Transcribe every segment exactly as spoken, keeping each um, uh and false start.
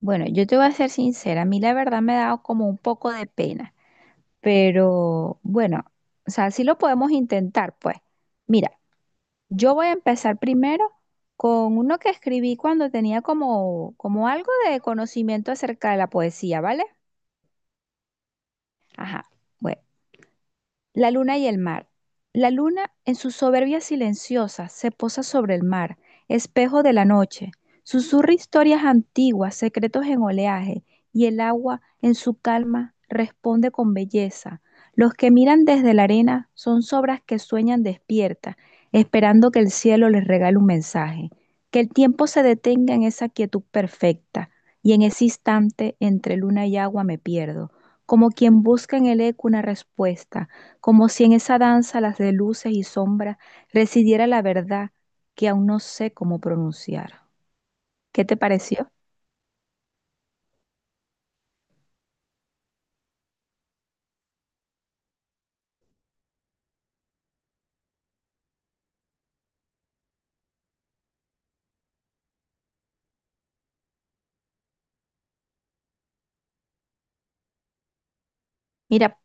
Bueno, yo te voy a ser sincera, a mí la verdad me ha dado como un poco de pena, pero bueno, o sea, sí lo podemos intentar, pues. Mira, yo voy a empezar primero con uno que escribí cuando tenía como, como algo de conocimiento acerca de la poesía, ¿vale? Ajá. Bueno. La luna y el mar. La luna, en su soberbia silenciosa, se posa sobre el mar, espejo de la noche. Susurra historias antiguas, secretos en oleaje, y el agua, en su calma, responde con belleza. Los que miran desde la arena son sobras que sueñan despiertas, esperando que el cielo les regale un mensaje, que el tiempo se detenga en esa quietud perfecta, y en ese instante entre luna y agua me pierdo, como quien busca en el eco una respuesta, como si en esa danza, las de luces y sombras, residiera la verdad que aún no sé cómo pronunciar. ¿Qué te pareció? Mira,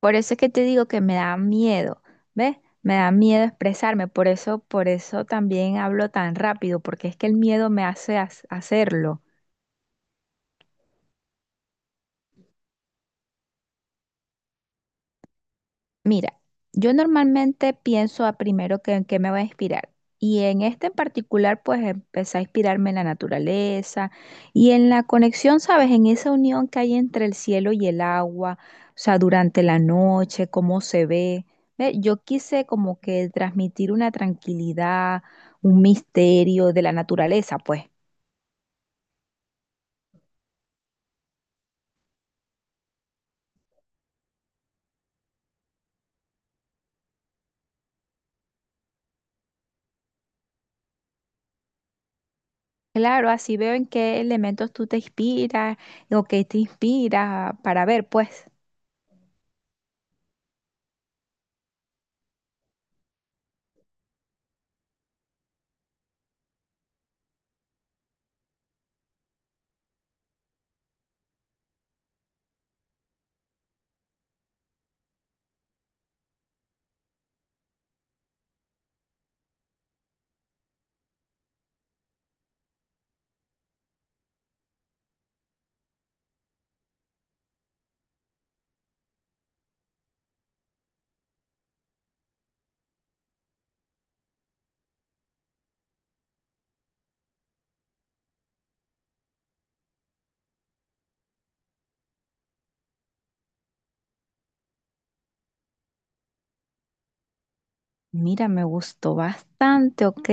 por eso es que te digo que me da miedo, ¿ves? Me da miedo expresarme, por eso, por eso también hablo tan rápido, porque es que el miedo me hace ha- hacerlo. Mira, yo normalmente pienso a primero que en qué me va a inspirar. Y en este en particular, pues empecé a inspirarme en la naturaleza y en la conexión, ¿sabes? En esa unión que hay entre el cielo y el agua, o sea, durante la noche, cómo se ve. Ve, yo quise como que transmitir una tranquilidad, un misterio de la naturaleza, pues. Claro, así veo en qué elementos tú te inspiras o qué te inspira para ver, pues. Mira, me gustó bastante, ¿ok?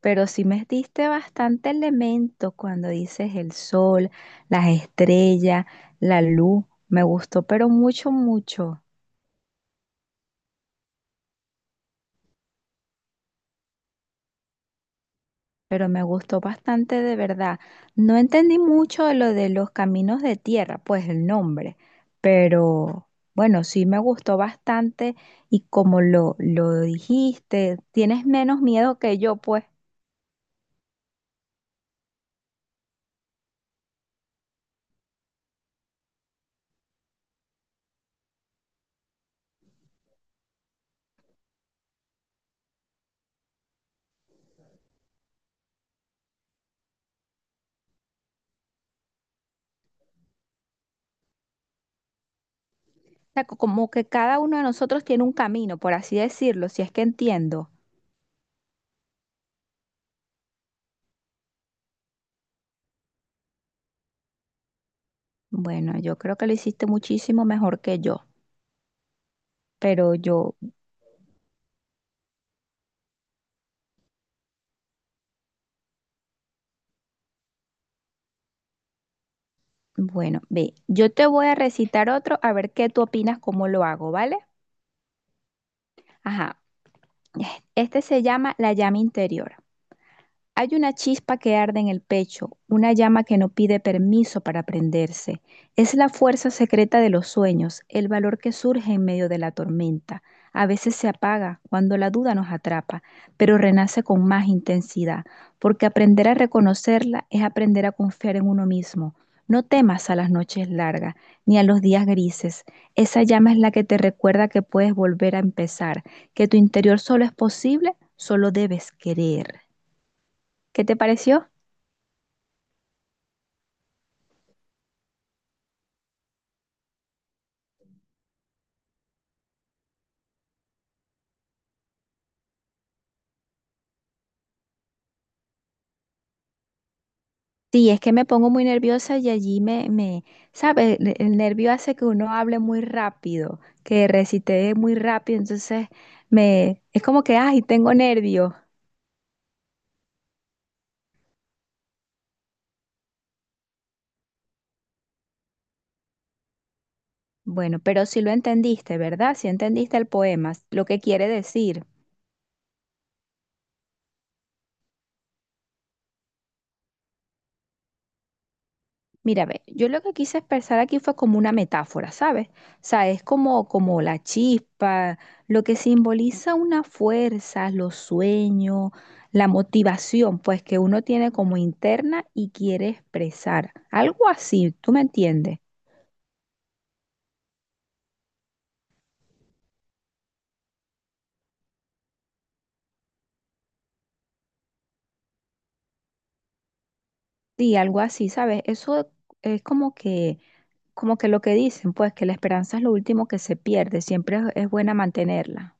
Pero sí me diste bastante elemento cuando dices el sol, las estrellas, la luz. Me gustó, pero mucho, mucho. Pero me gustó bastante de verdad. No entendí mucho de lo de los caminos de tierra, pues el nombre. Pero bueno, sí me gustó bastante y como lo, lo dijiste, tienes menos miedo que yo, pues. Sea, co- como que cada uno de nosotros tiene un camino, por así decirlo, si es que entiendo. Bueno, yo creo que lo hiciste muchísimo mejor que yo, pero yo, bueno, ve, yo te voy a recitar otro a ver qué tú opinas cómo lo hago, ¿vale? Ajá, este se llama La llama interior. Hay una chispa que arde en el pecho, una llama que no pide permiso para prenderse. Es la fuerza secreta de los sueños, el valor que surge en medio de la tormenta. A veces se apaga cuando la duda nos atrapa, pero renace con más intensidad, porque aprender a reconocerla es aprender a confiar en uno mismo. No temas a las noches largas ni a los días grises. Esa llama es la que te recuerda que puedes volver a empezar, que tu interior solo es posible, solo debes querer. ¿Qué te pareció? Sí, es que me pongo muy nerviosa y allí me, me, ¿sabes? El el nervio hace que uno hable muy rápido, que recite muy rápido, entonces me, es como que, ay, tengo nervio. Bueno, pero sí lo entendiste, ¿verdad? Sí entendiste el poema, lo que quiere decir. Mira, ve, yo lo que quise expresar aquí fue como una metáfora, ¿sabes? O sea, es como, como la chispa, lo que simboliza una fuerza, los sueños, la motivación, pues que uno tiene como interna y quiere expresar. Algo así, ¿tú me entiendes? Sí, algo así, ¿sabes? Eso es como que, como que lo que dicen, pues que la esperanza es lo último que se pierde, siempre es es buena mantenerla.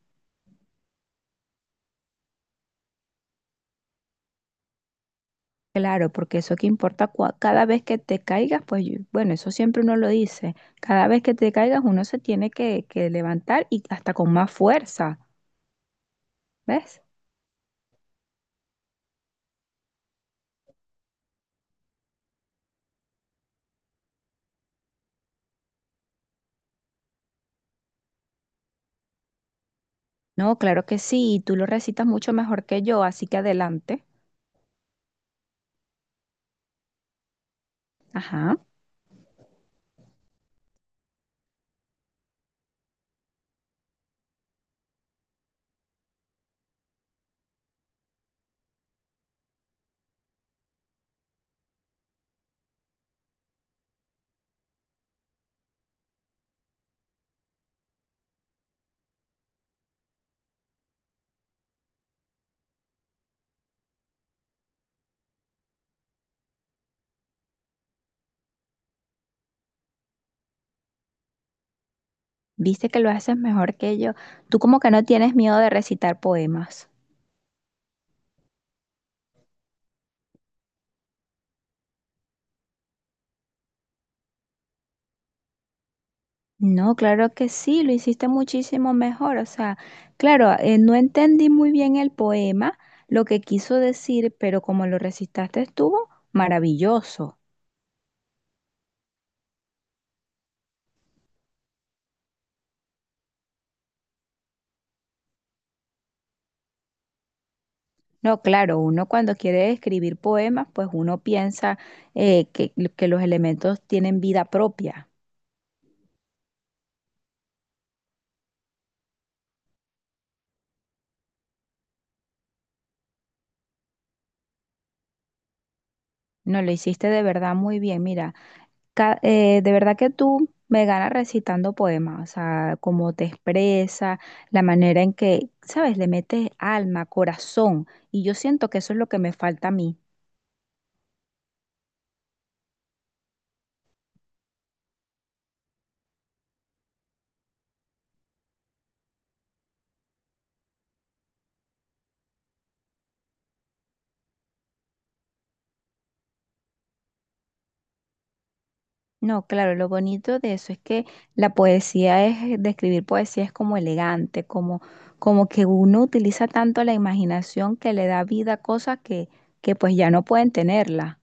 Claro, porque eso que importa, cua- cada vez que te caigas, pues yo- bueno, eso siempre uno lo dice, cada vez que te caigas uno se tiene que, que levantar y hasta con más fuerza, ¿ves? No, claro que sí, y tú lo recitas mucho mejor que yo, así que adelante. Ajá, viste que lo haces mejor que yo. Tú como que no tienes miedo de recitar poemas. No, claro que sí, lo hiciste muchísimo mejor. O sea, claro, eh, no entendí muy bien el poema, lo que quiso decir, pero como lo recitaste estuvo maravilloso. No, claro, uno cuando quiere escribir poemas, pues uno piensa eh, que, que los elementos tienen vida propia. No, lo hiciste de verdad muy bien, mira. Ca- eh, de verdad que tú me ganas recitando poemas, o sea, cómo te expresa, la manera en que, ¿sabes? Le metes alma, corazón, y yo siento que eso es lo que me falta a mí. No, claro, lo bonito de eso es que la poesía es, de escribir poesía es como elegante, como, como que uno utiliza tanto la imaginación que le da vida a cosas que, que pues ya no pueden tenerla.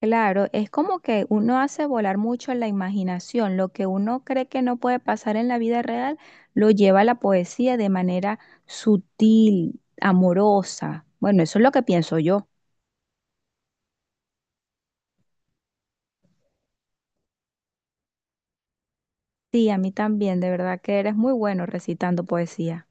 Claro, es como que uno hace volar mucho la imaginación, lo que uno cree que no puede pasar en la vida real, lo lleva a la poesía de manera sutil, amorosa. Bueno, eso es lo que pienso yo. Sí, a mí también, de verdad que eres muy bueno recitando poesía.